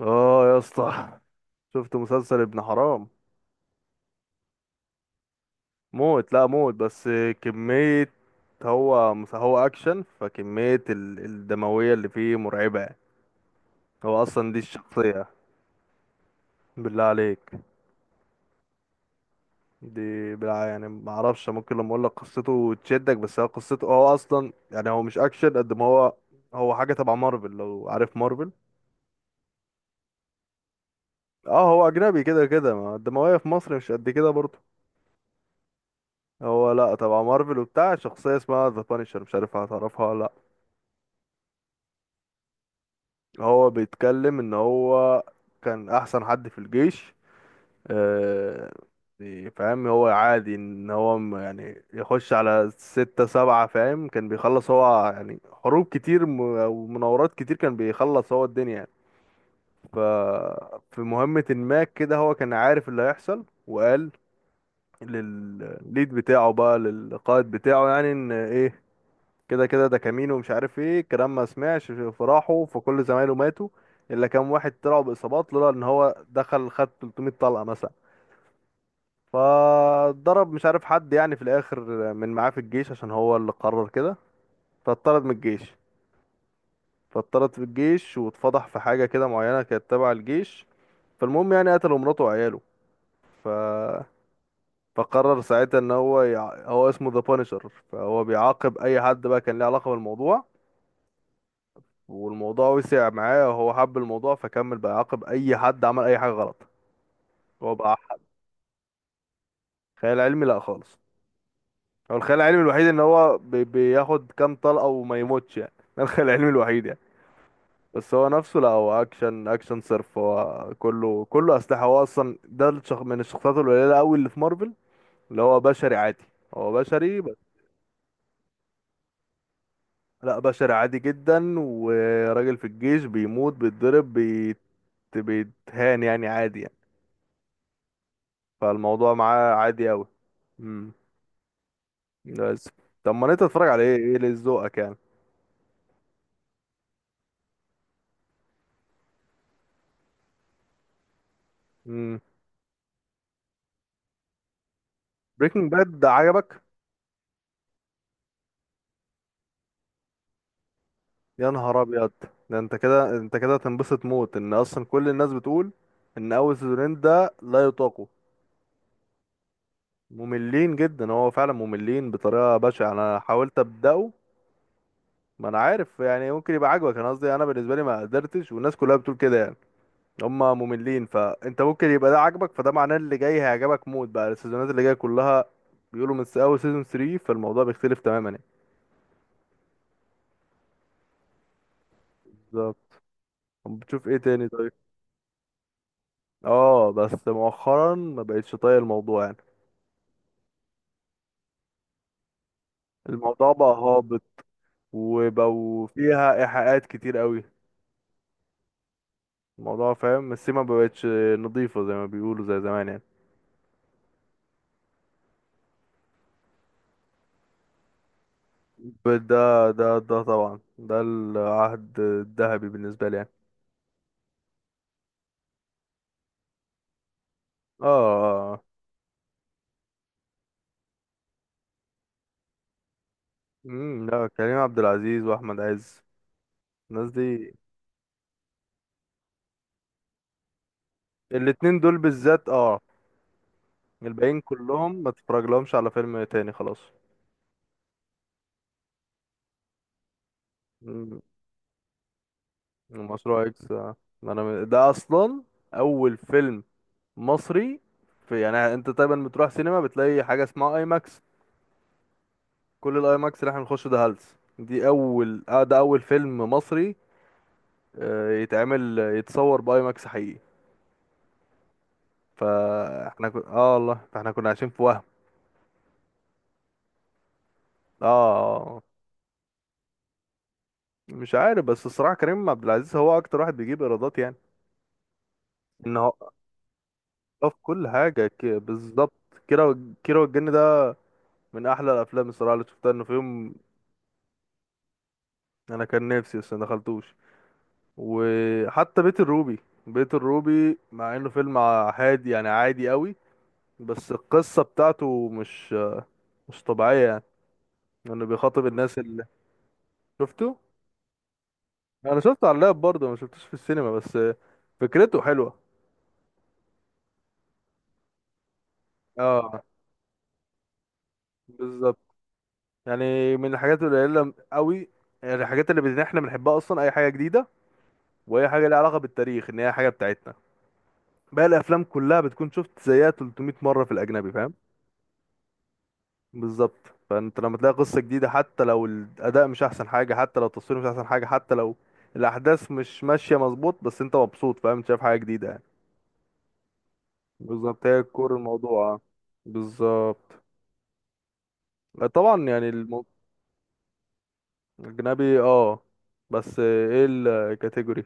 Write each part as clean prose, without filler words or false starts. اه، يا اسطى. شفت مسلسل ابن حرام؟ موت، لا موت بس كمية. هو اكشن، فكمية الدموية اللي فيه مرعبة يعني. هو اصلا دي الشخصية. بالله عليك، دي بالله، يعني ما اعرفش، ممكن لما اقول لك قصته تشدك، بس هو قصته، هو اصلا يعني هو مش اكشن قد ما هو هو حاجة تبع مارفل، لو عارف مارفل. اه، هو اجنبي، كده كده ما الدموية في مصر مش قد كده برضه. هو لا، تبع مارفل وبتاع، شخصية اسمها ذا بانشر، مش عارف هتعرفها ولا. هو بيتكلم ان هو كان احسن حد في الجيش. آه. يعني فاهم، هو عادي ان هو يعني يخش على ستة سبعة، فاهم، كان بيخلص هو يعني حروب كتير ومناورات كتير، كان بيخلص هو الدنيا يعني. ف في مهمة ما كده هو كان عارف اللي هيحصل، وقال للليد بتاعه بقى، للقائد بتاعه يعني، ان ايه، كده كده ده كمين، ومش عارف ايه الكلام، ما سمعش فراحه، فكل زمايله ماتوا الا كام واحد طلعوا باصابات، لولا ان هو دخل خد 300 طلقه مثلا، فضرب مش عارف حد يعني في الاخر من معاه في الجيش، عشان هو اللي قرر كده. فاتطرد من الجيش، فاتطرد في الجيش، واتفضح في حاجه كده معينه كانت تبع الجيش. فالمهم يعني قتلوا مراته وعياله. ف... فقرر ساعتها ان هو هو اسمه ذا بانشر، فهو بيعاقب اي حد بقى كان له علاقه بالموضوع، والموضوع وسع معاه وهو حب الموضوع، فكمل بقى يعاقب اي حد عمل اي حاجه غلط. هو بقى. خيال علمي لا خالص. هو الخيال العلمي الوحيد ان هو بياخد كام طلقه وما يموتش يعني ده الخيال العلمي الوحيد يعني. بس هو نفسه لا، هو اكشن اكشن صرف، هو كله كله اسلحه. هو اصلا من الشخصيات القليله قوي اللي في مارفل، اللي هو بشري عادي، هو بشري بس. لا، بشري عادي جدا، وراجل في الجيش بيموت، بيتضرب، بيتهان يعني، عادي يعني. فالموضوع معاه عادي قوي. امم. بس. طب ما انت تتفرج على ايه، ايه اللي ذوقك يعني؟ امم. بريكنج باد ده عجبك؟ يا نهار ابيض. ده انت كده، انت كده تنبسط موت، ان اصلا كل الناس بتقول ان اول سيزونين ده لا يطاقوا. مملين جدا، هو فعلا مملين بطريقه بشعه، انا حاولت ابداه. ما انا عارف يعني، ممكن يبقى عاجبك، انا قصدي انا بالنسبه لي ما قدرتش، والناس كلها بتقول كده يعني هما مملين، فانت ممكن يبقى ده عاجبك، فده معناه اللي جاي هيعجبك موت بقى السيزونات اللي جايه كلها. بيقولوا من اول سيزون 3 فالموضوع بيختلف تماما يعني. بالظبط. طب بتشوف ايه تاني طيب؟ اه، بس مؤخرا ما بقتش طايق الموضوع يعني. الموضوع بقى هابط، وبقوا فيها ايحاءات كتير قوي. الموضوع، فاهم، السيما ما بقتش نظيفه زي ما بيقولوا زي زمان يعني. ده طبعا ده العهد الذهبي بالنسبه لي يعني. اه. اه. لا، كريم عبد العزيز واحمد عز، الناس دي. الاتنين دول بالذات، اه. الباقيين كلهم ما تتفرج لهمش على فيلم تاني خلاص. مم. مشروع اكس، آه. ما انا ده اصلا اول فيلم مصري في، يعني انت دايما بتروح سينما بتلاقي حاجه اسمها اي ماكس. كل الاي ماكس اللي احنا بنخش ده هلس، دي اول، ده اول فيلم مصري، آه، يتعمل يتصور باي ماكس حقيقي. فاحنا كنا والله، فاحنا كنا عايشين في وهم. اه. آه. آه. مش عارف، بس الصراحه كريم عبد العزيز هو اكتر واحد بيجيب ايرادات يعني. ان هو. اه، في كل حاجة بالظبط. كيرة والجن ده من أحلى الأفلام الصراحة اللي شفتها إنه في يوم. أنا كان نفسي، بس ما دخلتوش. وحتى بيت الروبي. بيت الروبي، مع إنه فيلم عادي يعني عادي قوي، بس القصة بتاعته مش طبيعية يعني، إنه بيخاطب الناس اللي. شفته. أنا شفته على اللاب برضه، ما شفتوش في السينما، بس فكرته حلوة. اه. بالظبط. يعني من الحاجات القليلة قوي، يعني الحاجات اللي احنا بنحبها أصلا أي حاجة جديدة، وهي حاجه ليها علاقه بالتاريخ، ان هي حاجه بتاعتنا. باقي الافلام كلها بتكون شفت زيها 300 مره في الاجنبي، فاهم. بالظبط. فانت لما تلاقي قصه جديده، حتى لو الاداء مش احسن حاجه، حتى لو التصوير مش احسن حاجه، حتى لو الاحداث مش ماشيه مظبوط، بس انت مبسوط، فاهم، انت شايف حاجه جديده يعني. بالظبط، هي كور الموضوع، آه. بالظبط. لا، طبعا يعني الاجنبي، اه. بس ايه الكاتيجوري؟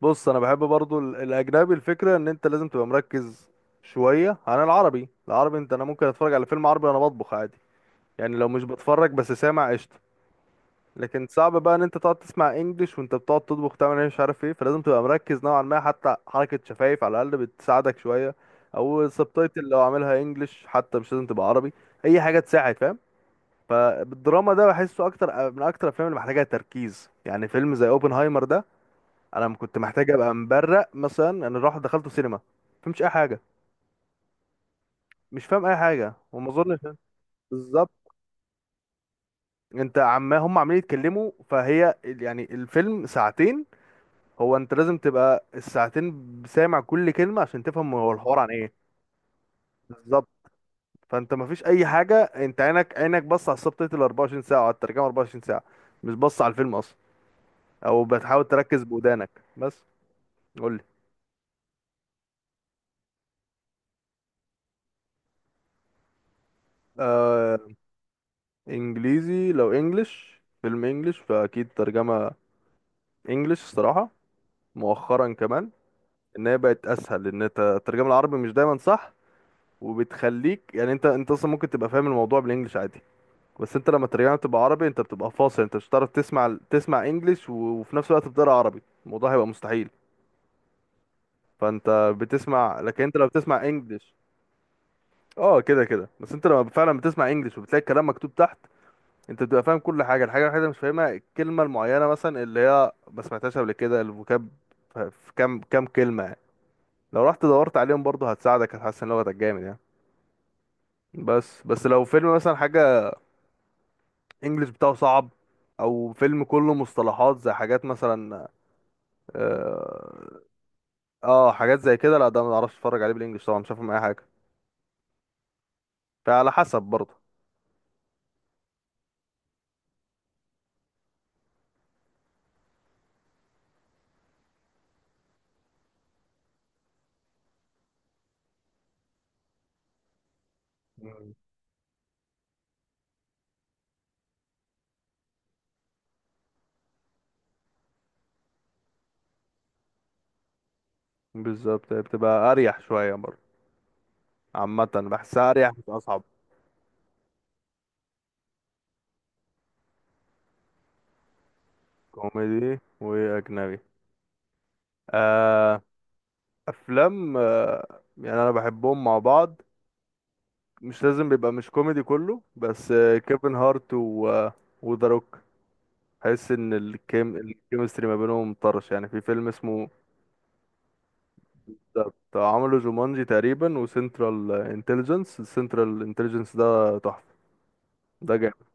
بص، انا بحب برضو الاجنبي، الفكره ان انت لازم تبقى مركز شويه عن العربي. العربي انت، انا ممكن اتفرج على فيلم عربي وانا بطبخ عادي يعني، لو مش بتفرج بس سامع، قشطه. لكن صعب بقى ان انت تقعد تسمع انجليش وانت بتقعد تطبخ، تعمل ايه، مش عارف ايه، فلازم تبقى مركز نوعا ما، حتى حركه شفايف على الاقل بتساعدك شويه، او السبتايتل لو عاملها انجليش حتى، مش لازم تبقى عربي، اي حاجه تساعد، فاهم. فالدراما ده بحسه اكتر، من اكتر الافلام اللي محتاجه تركيز يعني. فيلم زي اوبنهايمر ده، انا كنت محتاج ابقى مبرق مثلا. انا راح دخلته سينما، فهمش اي حاجه. مش فاهم اي حاجه، وما اظنش. بالظبط. انت عما هم عمالين يتكلموا، يعني الفيلم ساعتين، هو انت لازم تبقى الساعتين سامع كل كلمه عشان تفهم هو الحوار عن ايه. بالظبط. فانت ما فيش اي حاجه، انت عينك بص على السبتايتل 24 ساعه وعلى الترجمه 24 ساعه، مش بص على الفيلم اصلا، او بتحاول تركز بودانك. بس، قول لي. آه. انجليزي، لو انجلش، فيلم انجلش فاكيد ترجمه انجلش الصراحة، مؤخرا كمان، ان هي بقت اسهل، ان انت الترجمة العربي مش دايما صح، وبتخليك يعني انت اصلا ممكن تبقى فاهم الموضوع بالانجلش عادي، بس انت لما الترجمة بتبقى عربي انت بتبقى فاصل، انت مش هتعرف تسمع انجلش وفي نفس الوقت بتقرا عربي، الموضوع هيبقى مستحيل. فانت بتسمع، لكن انت لو بتسمع انجلش، اه كده كده. بس انت لما فعلا بتسمع انجلش وبتلاقي الكلام مكتوب تحت، انت بتبقى فاهم كل حاجة، الحاجة الوحيدة اللي مش فاهمها الكلمة المعينة مثلا اللي هي ما سمعتهاش قبل كده، الفوكاب، في كام كلمة، لو رحت دورت عليهم برضه هتساعدك، هتحسن لغتك جامد يعني. بس لو فيلم مثلا حاجة، انجلش بتاعه صعب، او فيلم كله مصطلحات زي حاجات مثلا، اه، آه، حاجات زي كده، لا، ده ما اعرفش اتفرج عليه بالانجلش، طبعا مش هفهم اي حاجة، فعلى حسب برضه. مم. بالظبط، بتبقى اريح شوية برضه. عامة بحسها اريح مش اصعب. كوميدي واجنبي، آه. افلام، يعني انا بحبهم مع بعض، مش لازم بيبقى مش كوميدي كله، بس كيفن هارت و آه، وذا روك، حس ان الكيمستري ما بينهم طرش يعني. في فيلم اسمه، عملوا جومانجي تقريبا، وسنترال انتليجنس، السنترال انتليجنس ده تحفة، ده جامد.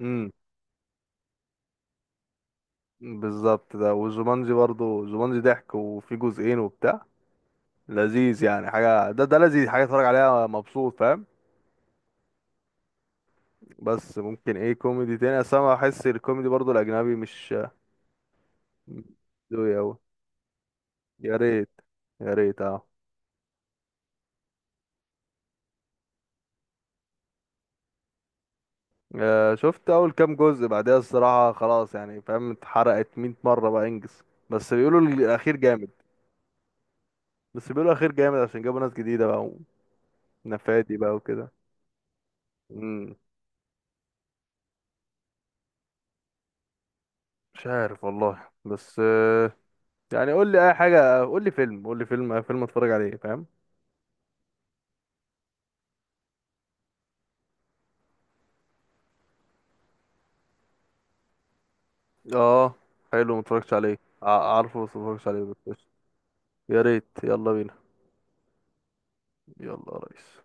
امم. بالظبط، ده وجومانجي برضو، جومانجي ضحك وفي جزئين وبتاع، لذيذ يعني، حاجة ده لذيذ، حاجة اتفرج عليها مبسوط، فاهم. بس ممكن ايه كوميدي تاني، اصل انا بحس الكوميدي برضو الاجنبي مش دوي اوي. يا ريت، يا ريت، اه. آه. شفت اول كام جزء، بعدها الصراحة خلاص يعني، فاهم، اتحرقت 100 مرة بقى، انجز. بس بيقولوا الاخير جامد. بس بيقولوا الاخير جامد، عشان جابوا ناس جديدة بقى، ونفادي بقى وكده. مم، مش عارف والله، بس يعني، قول لي اي حاجة، قول لي فيلم، قول لي فيلم، أي فيلم اتفرج عليه، فاهم. اه، حلو، متفرجتش عليه، عارفه بس متفرجتش عليه، بس قشطة. يا ريت، يلا بينا. يلا يا ريس.